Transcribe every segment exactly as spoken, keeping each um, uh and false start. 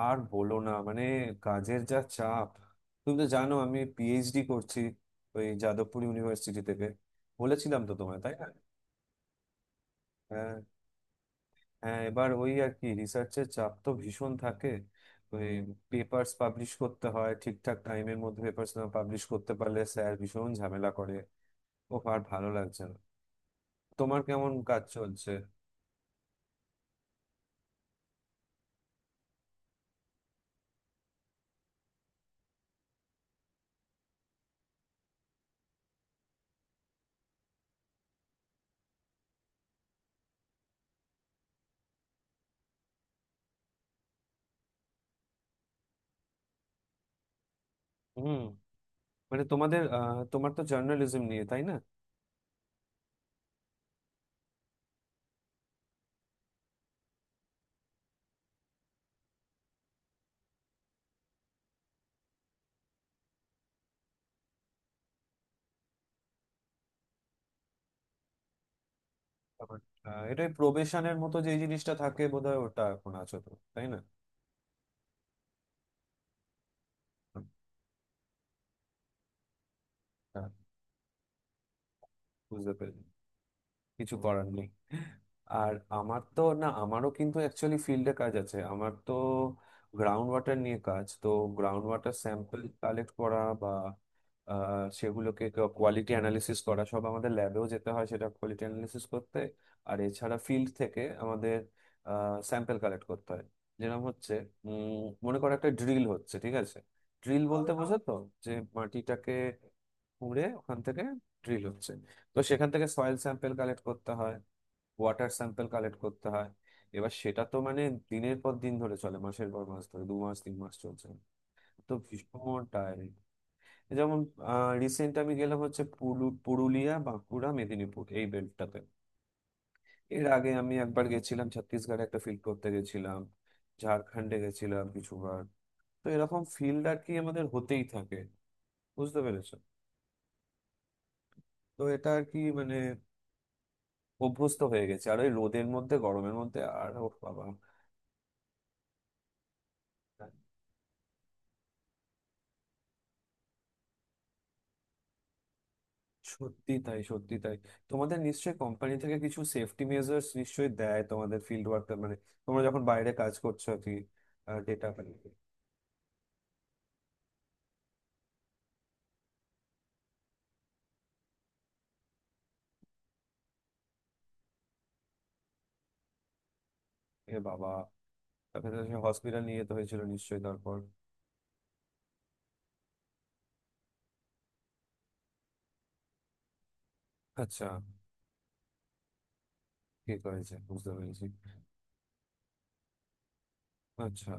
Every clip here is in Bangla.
আর বলো না। মানে, কাজের যা চাপ! তুমি তো জানো আমি পিএইচডি করছি ওই যাদবপুর ইউনিভার্সিটি থেকে। বলেছিলাম তো তোমায়, তাই না? হ্যাঁ, হ্যাঁ, এবার ওই আর কি রিসার্চের চাপ তো ভীষণ থাকে। ওই পেপার্স পাবলিশ করতে হয়, ঠিকঠাক টাইমের মধ্যে পেপার্স না পাবলিশ করতে পারলে স্যার ভীষণ ঝামেলা করে। ও আর ভালো লাগছে না। তোমার কেমন কাজ চলছে? হুম। মানে তোমাদের, আহ, তোমার তো জার্নালিজম নিয়ে, তাই না? ব্যাপারটা। আহ, এটাই প্রবেশনের মতো যে জিনিসটা থাকে বোধহয়, ওটা এখন আছো তো, তাই না? আচ্ছা, বুঝতে পেরেছি। কিছু করার নেই। আর আমার তো না, আমারও কিন্তু অ্যাকচুয়ালি ফিল্ডে কাজ আছে। আমার তো গ্রাউন্ড ওয়াটার নিয়ে কাজ তো। গ্রাউন্ড ওয়াটার স্যাম্পল কালেক্ট করা, বা আহ, সেগুলোকে কোয়ালিটি অ্যানালিসিস করা, সব আমাদের ল্যাবেও যেতে হয় সেটা কোয়ালিটি অ্যানালিসিস করতে। আর এছাড়া ফিল্ড থেকে আমাদের স্যাম্পল কালেক্ট করতে হয়, যেরকম হচ্ছে, উম, মনে করো একটা ড্রিল হচ্ছে, ঠিক আছে? ড্রিল বলতে বোঝো তো, যে মাটিটাকে খুঁড়ে ওখান থেকে ড্রিল হচ্ছে। তো সেখান থেকে সয়েল স্যাম্পল কালেক্ট করতে হয়, ওয়াটার স্যাম্পল কালেক্ট করতে হয়। এবার সেটা তো মানে দিনের পর দিন ধরে চলে, মাসের পর মাস ধরে, দু মাস তিন মাস চলছে। তো ভীষণ টায়ারিং। যেমন রিসেন্ট আমি গেলাম হচ্ছে পুরু- পুরুলিয়া, বাঁকুড়া, মেদিনীপুর এই বেল্টটাতে। এর আগে আমি একবার গেছিলাম ছত্তিশগড়ে, একটা ফিল্ড করতে গেছিলাম। ঝাড়খণ্ডে গেছিলাম কিছুবার। তো এরকম ফিল্ড আর কি আমাদের হতেই থাকে। বুঝতে পেরেছো? তো এটা আর কি, মানে অভ্যস্ত হয়ে গেছে। আর ওই রোদের মধ্যে, গরমের মধ্যে, আর ও বাবা। সত্যি তাই, সত্যি তাই। তোমাদের নিশ্চয়ই কোম্পানি থেকে কিছু সেফটি মেজার্স নিশ্চয়ই দেয় তোমাদের, ফিল্ড ওয়ার্কার মানে, তোমরা যখন বাইরে কাজ করছো আর কি। ডেটা। এ বাবা, তাকে তো সে হসপিটাল নিয়ে যেতে হয়েছিল নিশ্চয়ই তারপর? আচ্ছা। ঠিক হয়েছে, বুঝতে পেরেছি। আচ্ছা,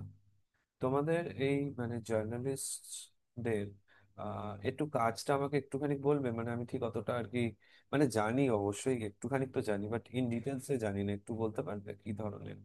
তোমাদের এই মানে জার্নালিস্টদের আহ একটু কাজটা আমাকে একটুখানি বলবে? মানে আমি ঠিক অতটা আর কি, মানে জানি অবশ্যই, একটুখানি তো জানি, বাট ইন ডিটেলসে জানি না। একটু বলতে পারবে কি ধরনের?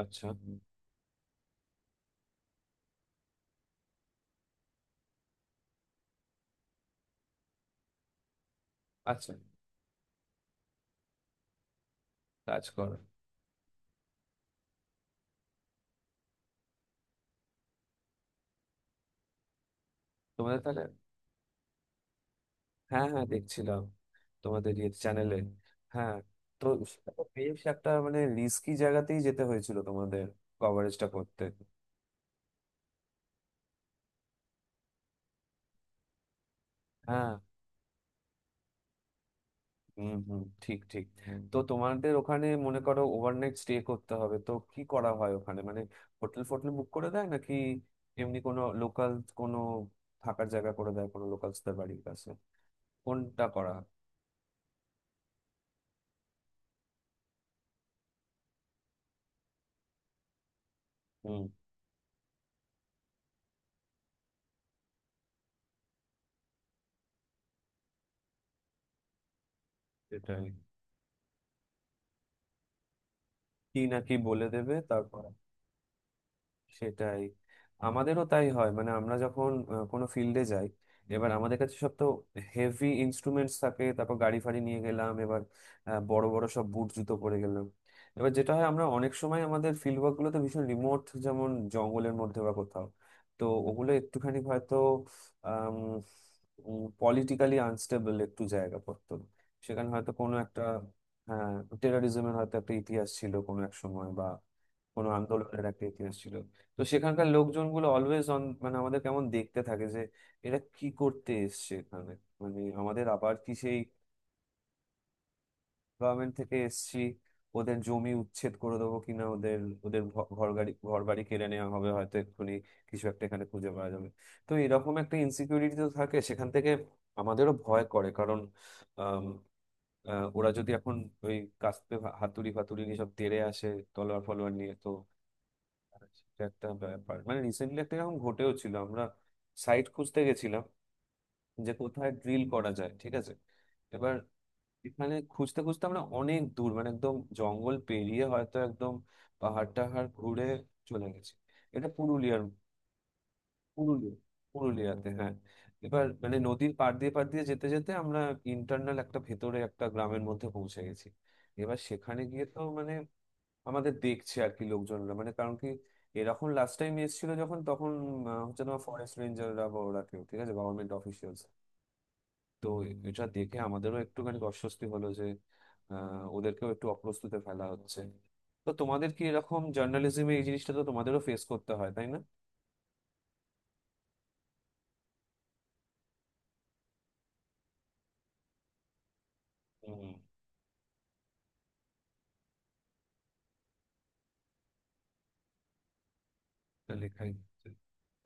আচ্ছা আচ্ছা, কাজ করো। তোমাদের তাহলে, হ্যাঁ হ্যাঁ দেখছিলাম, তোমাদের ইয়ে চ্যানেলে, হ্যাঁ। তো সেটা তো বেশ একটা মানে রিস্কি জায়গাতেই যেতে হয়েছিল তোমাদের কভারেজটা করতে। হ্যাঁ। হুম হুম, ঠিক ঠিক। তো তোমাদের ওখানে মনে করো ওভারনাইট স্টে করতে হবে, তো কি করা হয় ওখানে, মানে হোটেল ফোটেল বুক করে দেয় নাকি, এমনি কোনো লোকাল, কোনো থাকার জায়গা করে দেয় কোনো লোকালসদের বাড়ির কাছে, কোনটা করা হয়? হুম। সেটাই, কি নাকি বলে দেবে তারপর। সেটাই, আমাদেরও তাই হয়। মানে আমরা যখন আহ, কোনো ফিল্ডে যাই, এবার আমাদের কাছে সব তো হেভি ইনস্ট্রুমেন্টস থাকে, তারপর গাড়ি ফাড়ি নিয়ে গেলাম, এবার আহ, বড় বড় সব বুট জুতো পরে গেলাম। এবার যেটা হয়, আমরা অনেক সময় আমাদের ফিল্ড ওয়ার্ক গুলো তো ভীষণ রিমোট, যেমন জঙ্গলের মধ্যে বা কোথাও। তো ওগুলো একটুখানি হয়তো পলিটিক্যালি আনস্টেবল একটু জায়গা পড়তো। সেখানে হয়তো কোনো একটা, হ্যাঁ, টেরারিজমের হয়তো একটা ইতিহাস ছিল কোনো এক সময়, বা কোনো আন্দোলনের একটা ইতিহাস ছিল। তো সেখানকার লোকজনগুলো অলওয়েজ অন, মানে আমাদের কেমন দেখতে থাকে, যে এরা কি করতে এসছে এখানে, মানে আমাদের আবার কি সেই গভর্নমেন্ট থেকে এসছি, ওদের জমি উচ্ছেদ করে দেবো কিনা, ওদের, ওদের ঘ- ঘর গাড়ি, ঘর বাড়ি কেড়ে নেওয়া হবে হয়তো এক্ষুনি, কিছু একটা এখানে খুঁজে পাওয়া যাবে। তো এরকম একটা ইনসিকিউরিটি তো থাকে সেখান থেকে। আমাদেরও ভয় করে, কারণ আম, আহ, ওরা যদি এখন ওই কাস্তে হাতুড়ি ফাতুড়ি নিয়ে সব তেড়ে আসে, তলোয়ার ফলোয়ার নিয়ে তো। এটা একটা ব্যাপার। মানে রিসেন্টলি একটা এরকম ঘটেও ছিল, আমরা সাইট খুঁজতে গেছিলাম, যে কোথায় ড্রিল করা যায়, ঠিক আছে? এবার এখানে খুঁজতে খুঁজতে আমরা অনেক দূর, মানে একদম জঙ্গল পেরিয়ে হয়তো, একদম পাহাড় টাহাড় ঘুরে চলে গেছি। এটা পুরুলিয়ার, পুরুলিয়া পুরুলিয়াতে, হ্যাঁ। এবার মানে নদীর পাড় দিয়ে পাড় দিয়ে যেতে যেতে আমরা ইন্টারনাল একটা, ভেতরে একটা গ্রামের মধ্যে পৌঁছে গেছি। এবার সেখানে গিয়ে তো মানে আমাদের দেখছে আর কি লোকজনরা, মানে কারণ কি এরকম লাস্ট টাইম এসেছিল যখন তখন, আহ, হচ্ছে তোমার ফরেস্ট রেঞ্জাররা বা ওরা কেউ, ঠিক আছে, গভর্নমেন্ট অফিসিয়ালস। তো এটা দেখে আমাদেরও একটুখানি অস্বস্তি হলো, যে আহ, ওদেরকেও একটু অপ্রস্তুতে ফেলা হচ্ছে। তো তোমাদের কি এরকম জার্নালিজমে এই জিনিসটা তো তোমাদেরও ফেস করতে হয়, তাই না? হুম। এটা লেখাই হচ্ছে।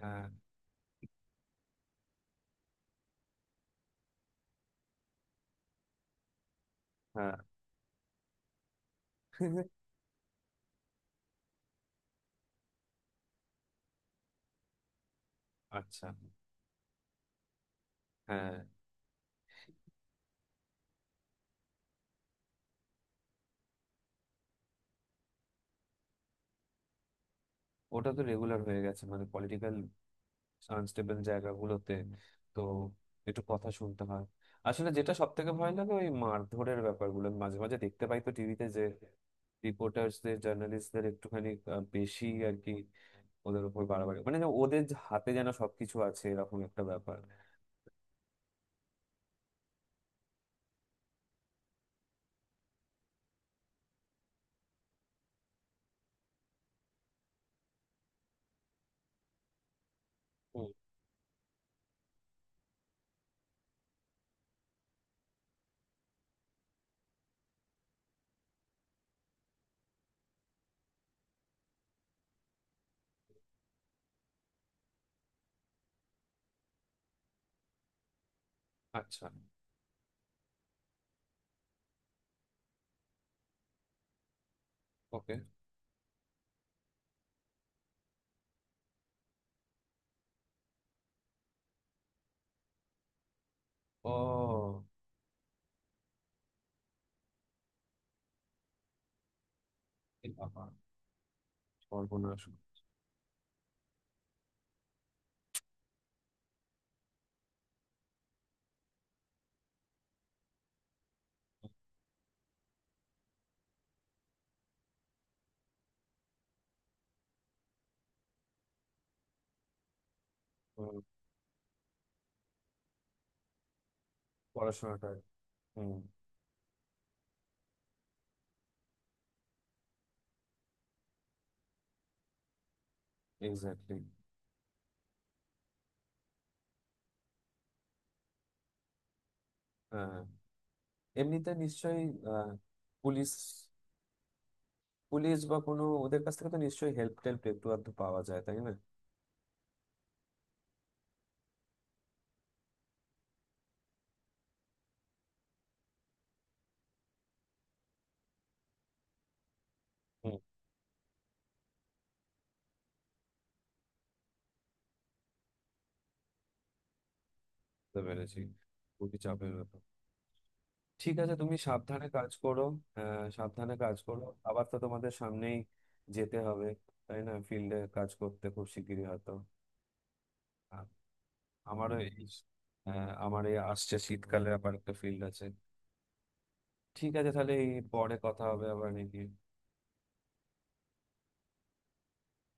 হ্যাঁ হ্যাঁ। আচ্ছা। হ্যাঁ। ওটা তো রেগুলার হয়ে গেছে, মানে পলিটিক্যাল আনস্টেবল জায়গাগুলোতে তো একটু কথা শুনতে হয়। আসলে যেটা সব থেকে ভয় লাগে ওই মারধরের ব্যাপারগুলো, আমি মাঝে মাঝে দেখতে পাই তো টিভিতে, যে রিপোর্টার্সদের, জার্নালিস্টদের একটুখানি আহ, বেশি আর কি, ওদের উপর বাড়াবাড়ি, মানে যেন ওদের যে হাতে যেন সবকিছু আছে, এরকম একটা ব্যাপার। হুম। আচ্ছা। ওকে। ও। এ বাবা, সর্বনাশ। হুম। পড়াশোনাটা। হুম। এক্স্যাক্টলি। হ্যাঁ, এমনিতে নিশ্চয়ই আহ, পুলিশ, পুলিশ বা কোনো ওদের কাছ থেকে তো নিশ্চয়ই হেল্প টেল্প একটু আধটু পাওয়া যায়, তাই না? হুম। বুঝতে পেরেছি, খুবই চাপের ব্যাপার। ঠিক আছে, তুমি সাবধানে কাজ করো। হ্যাঁ সাবধানে কাজ করো, আবার তো তোমাদের সামনেই যেতে হবে, তাই না, ফিল্ডে কাজ করতে খুব শিগগিরই হয়তো? আ- আমারও এই, হ্যাঁ, আমার এই আসছে শীতকালে আবার একটা ফিল্ড আছে। ঠিক আছে তাহলে এই পরে কথা হবে আবার নাকি?